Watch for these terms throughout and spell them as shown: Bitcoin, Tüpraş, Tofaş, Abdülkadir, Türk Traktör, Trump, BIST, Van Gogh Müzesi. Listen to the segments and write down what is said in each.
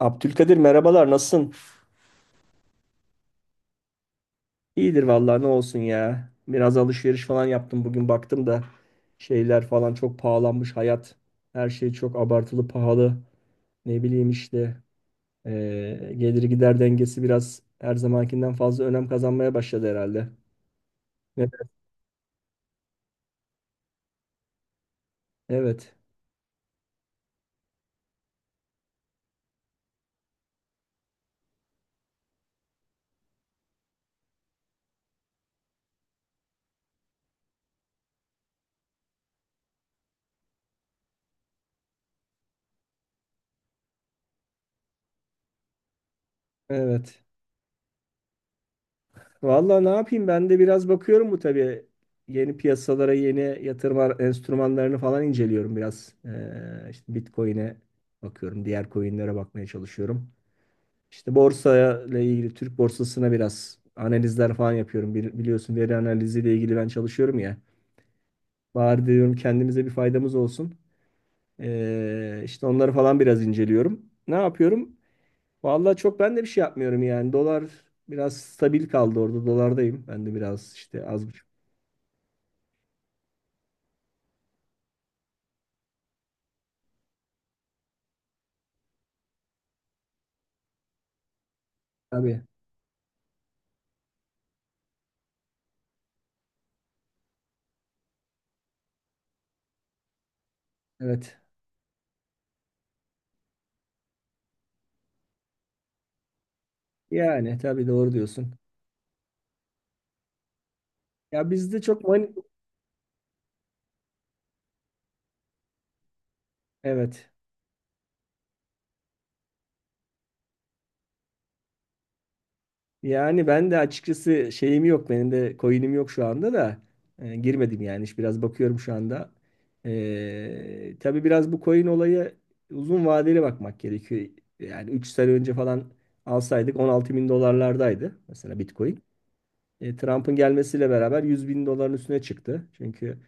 Abdülkadir, merhabalar, nasılsın? İyidir vallahi, ne olsun ya. Biraz alışveriş falan yaptım bugün, baktım da şeyler falan çok pahalanmış hayat. Her şey çok abartılı pahalı. Ne bileyim işte, gelir gider dengesi biraz her zamankinden fazla önem kazanmaya başladı herhalde. Ne- Evet, evet. Vallahi ne yapayım, ben de biraz bakıyorum bu tabii. Yeni piyasalara, yeni yatırım ar- enstrümanlarını falan inceliyorum biraz. İşte Bitcoin'e bakıyorum, diğer coin'lere bakmaya çalışıyorum. İşte borsayla ilgili Türk borsasına biraz analizler falan yapıyorum. Bili- Biliyorsun, veri analiziyle ilgili ben çalışıyorum ya. Bari diyorum kendimize bir faydamız olsun. İşte onları falan biraz inceliyorum. Ne yapıyorum? Vallahi çok ben de bir şey yapmıyorum yani. Dolar biraz stabil kaldı orada. Dolardayım. Ben de biraz işte, az buçuk. Tabii. Evet. Yani tabii, doğru diyorsun. Ya bizde çok mani... Evet. Yani ben de açıkçası şeyim yok. Benim de coin'im yok şu anda da. Girmedim yani. İşte biraz bakıyorum şu anda. Tabii biraz bu coin olayı uzun vadeli bakmak gerekiyor. Yani 3 sene önce falan alsaydık 16 bin dolarlardaydı. Mesela Bitcoin. Trump'ın gelmesiyle beraber 100 bin doların üstüne çıktı. Çünkü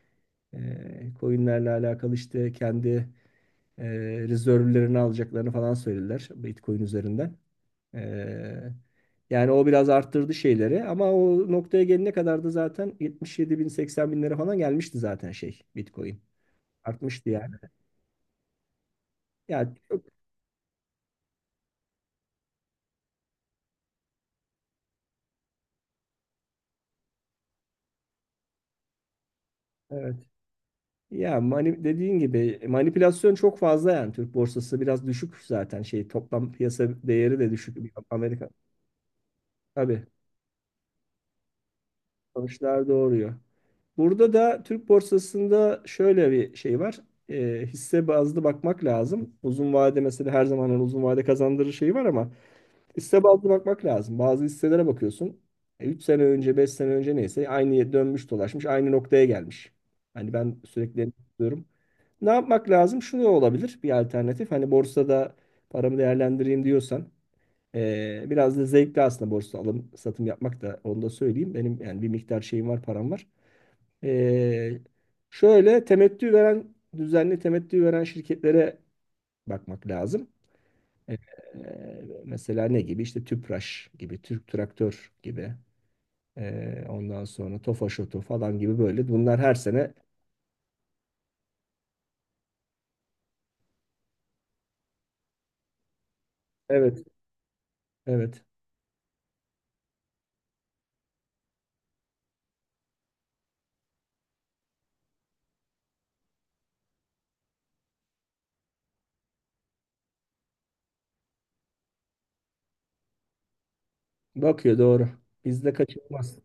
coinlerle alakalı işte kendi e, rezervlerini alacaklarını falan söylediler Bitcoin üzerinden. Ee, Yani o biraz arttırdı şeyleri, ama o noktaya gelene kadar da zaten 77 bin 80 bin lira falan gelmişti zaten şey Bitcoin. Artmıştı yani. Ya çok, evet. Ya mani, dediğin gibi manipülasyon çok fazla yani. Türk borsası biraz düşük zaten, şey toplam piyasa değeri de düşük bir Amerika. Tabii sonuçlar doğuruyor. Burada da Türk borsasında şöyle bir şey var. Hisse bazlı bakmak lazım. Uzun vade mesela, her zaman hani uzun vade kazandırır şeyi var ama hisse bazlı bakmak lazım. Bazı hisselere bakıyorsun. 3 sene önce, 5 sene önce neyse aynı yere dönmüş dolaşmış, aynı noktaya gelmiş. Hani ben sürekli diyorum. Ne yapmak lazım? Şunu olabilir bir alternatif. Hani borsada paramı değerlendireyim diyorsan, biraz da zevkli aslında borsa alım satım yapmak, da onu da söyleyeyim. Benim yani bir miktar şeyim var, param var. Eee, Şöyle temettü veren, düzenli temettü veren şirketlere bakmak lazım. Ee, Mesela ne gibi? İşte Tüpraş gibi, Türk Traktör gibi. Ondan sonra Tofaş Oto falan gibi böyle. Bunlar her sene, evet, evet. Bakıyor doğru. Bizde kaçınılmaz.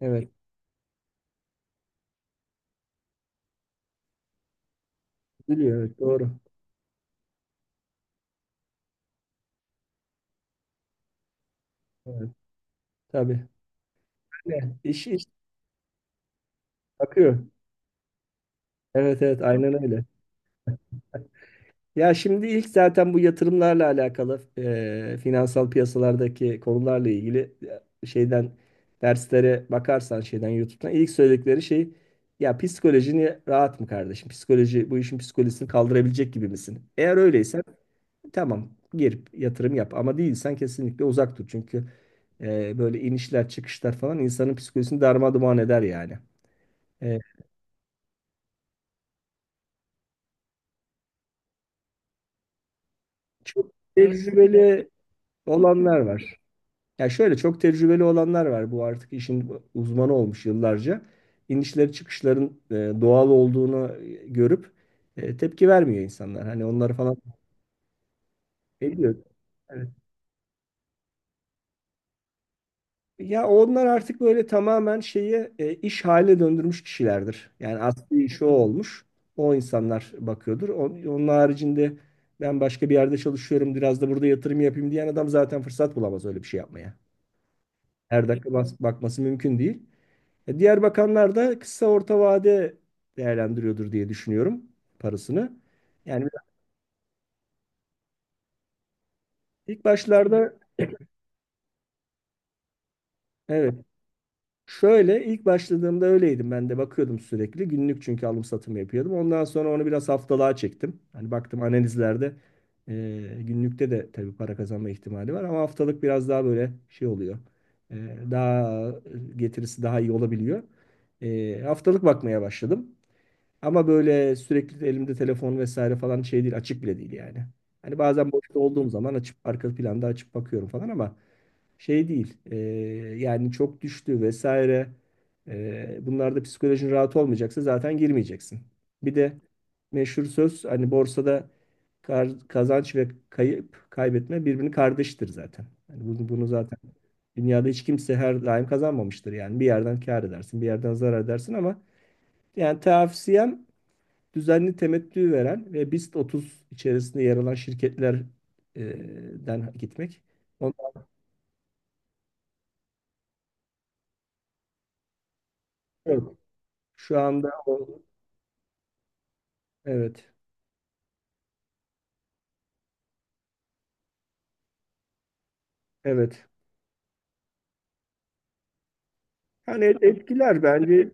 Evet. Biliyor, evet, doğru. Evet. Tabii. Öyle. İş bakıyor. Evet, evet, aynen öyle. Ya şimdi ilk zaten bu yatırımlarla alakalı finansal piyasalardaki konularla ilgili şeyden derslere bakarsan, şeyden YouTube'dan ilk söyledikleri şey: ya psikolojini rahat mı kardeşim? Psikoloji bu işin psikolojisini kaldırabilecek gibi misin? Eğer öyleyse tamam, gir yatırım yap, ama değilsen kesinlikle uzak dur. Çünkü böyle inişler çıkışlar falan insanın psikolojisini darmadağın eder yani. E, Çok. Evet. Tecrübeli olanlar var. Ya şöyle, çok tecrübeli olanlar var. Bu artık işin uzmanı olmuş yıllarca. İnişleri çıkışların doğal olduğunu görüp tepki vermiyor insanlar. Hani onları falan ediyor. Evet. Ya onlar artık böyle tamamen şeyi iş haline döndürmüş kişilerdir. Yani asli işi o olmuş. O insanlar bakıyordur. On- Onun haricinde ben başka bir yerde çalışıyorum, biraz da burada yatırım yapayım diyen adam zaten fırsat bulamaz öyle bir şey yapmaya. Her dakika bas- bakması mümkün değil. Diğer bakanlar da kısa orta vade değerlendiriyordur diye düşünüyorum parasını. Yani ilk başlarda, evet, şöyle ilk başladığımda öyleydim, ben de bakıyordum sürekli günlük çünkü alım satım yapıyordum. Ondan sonra onu biraz haftalığa çektim. Hani baktım analizlerde, e, günlükte de tabii para kazanma ihtimali var ama haftalık biraz daha böyle şey oluyor. Daha getirisi daha iyi olabiliyor. Haftalık bakmaya başladım. Ama böyle sürekli elimde telefon vesaire falan şey değil, açık bile değil yani. Hani bazen boşta olduğum zaman açıp arka planda açıp bakıyorum falan, ama şey değil. Yani çok düştü vesaire. Bunlarda psikolojin rahat olmayacaksa zaten girmeyeceksin. Bir de meşhur söz, hani borsada kar- kazanç ve kayıp kaybetme birbirini kardeştir zaten. Yani bunu zaten dünyada hiç kimse her daim kazanmamıştır yani. Bir yerden kâr edersin, bir yerden zarar edersin, ama yani tavsiyem düzenli temettü veren ve BIST 30 içerisinde yer alan şirketlerden gitmek. Onlar yok. Şu anda o, evet. Evet. Yani et- etkiler bence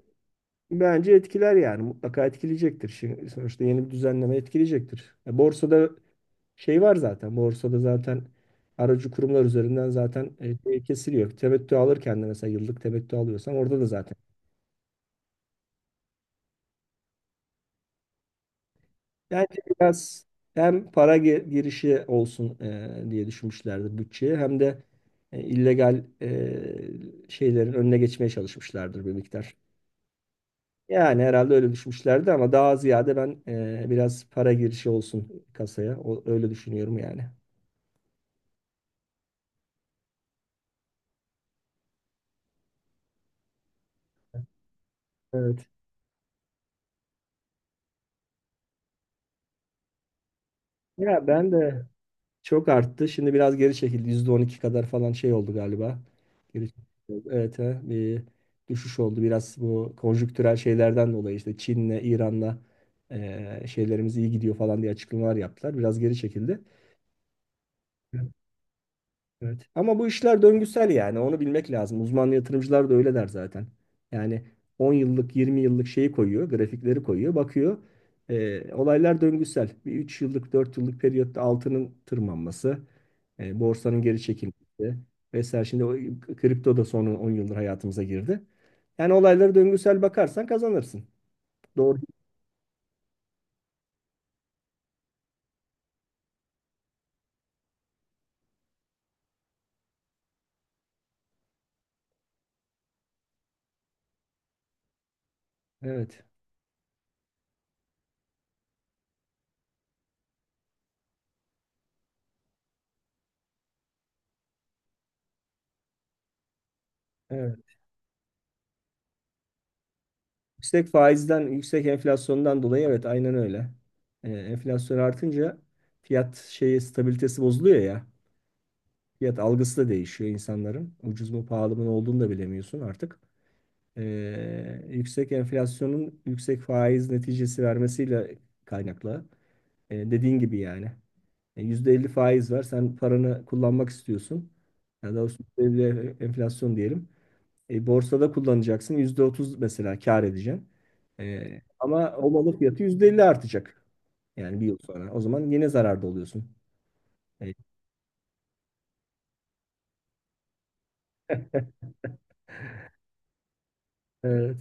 bence etkiler, yani mutlaka etkileyecektir. Şimdi sonuçta yeni bir düzenleme etkileyecektir. Ya borsada şey var zaten. Borsada zaten aracı kurumlar üzerinden zaten şey kesiliyor. Temettü alırken de mesela, yıllık temettü alıyorsan orada da zaten. Bence biraz hem para ge- girişi olsun diye düşünmüşlerdir bütçeye, hem de illegal şeylerin önüne geçmeye çalışmışlardır bir miktar. Yani herhalde öyle düşünmüşlerdi, ama daha ziyade ben biraz para girişi olsun kasaya. O, öyle düşünüyorum yani. Evet. Ya ben de. Çok arttı. Şimdi biraz geri çekildi. %12 kadar falan şey oldu galiba. Geri çekildi. Evet, he, bir düşüş oldu. Biraz bu konjüktürel şeylerden dolayı işte Çin'le, İran'la şeylerimiz iyi gidiyor falan diye açıklamalar yaptılar. Biraz geri çekildi. Evet. Ama bu işler döngüsel yani, onu bilmek lazım. Uzman yatırımcılar da öyle der zaten. Yani 10 yıllık 20 yıllık şeyi koyuyor, grafikleri koyuyor, bakıyor. Olaylar döngüsel. Bir 3 yıllık 4 yıllık periyotta altının tırmanması, borsanın geri çekilmesi vesaire. Şimdi o, kripto da son 10 yıldır hayatımıza girdi. Yani olaylara döngüsel bakarsan kazanırsın. Doğru. Evet. Evet. Yüksek faizden, yüksek enflasyondan dolayı, evet, aynen öyle. Enflasyon artınca fiyat şeyi stabilitesi bozuluyor ya. Fiyat algısı da değişiyor insanların. Ucuz mu pahalı mı ne olduğunu da bilemiyorsun artık. Yüksek enflasyonun yüksek faiz neticesi vermesiyle kaynaklı. Dediğin gibi yani. %50 faiz var. Sen paranı kullanmak istiyorsun. Ya da %50 enflasyon diyelim. Borsada kullanacaksın. %30 mesela kâr edeceksin. Ama o malın fiyatı %50 artacak. Yani bir yıl sonra. O zaman yine zararda oluyorsun. Evet. Evet.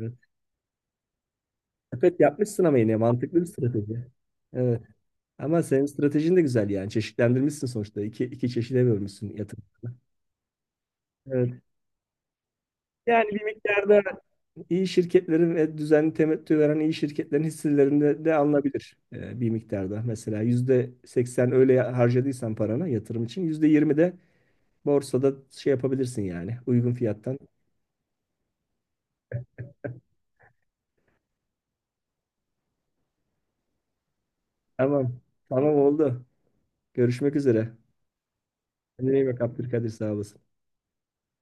Evet. Evet, yapmışsın ama yine mantıklı bir strateji. Evet. Ama senin stratejin de güzel yani. Çeşitlendirmişsin sonuçta. İki, iki çeşide bölmüşsün yatırımları. Evet. Yani bir miktarda iyi şirketlerin ve düzenli temettü veren iyi şirketlerin hisselerinde de alınabilir bir miktarda. Mesela %80 öyle harcadıysan parana, yatırım için %20 de borsada şey yapabilirsin yani, uygun fiyattan. Tamam. Tamam oldu. Görüşmek üzere. Kendine iyi bak Abdülkadir, sağ olasın.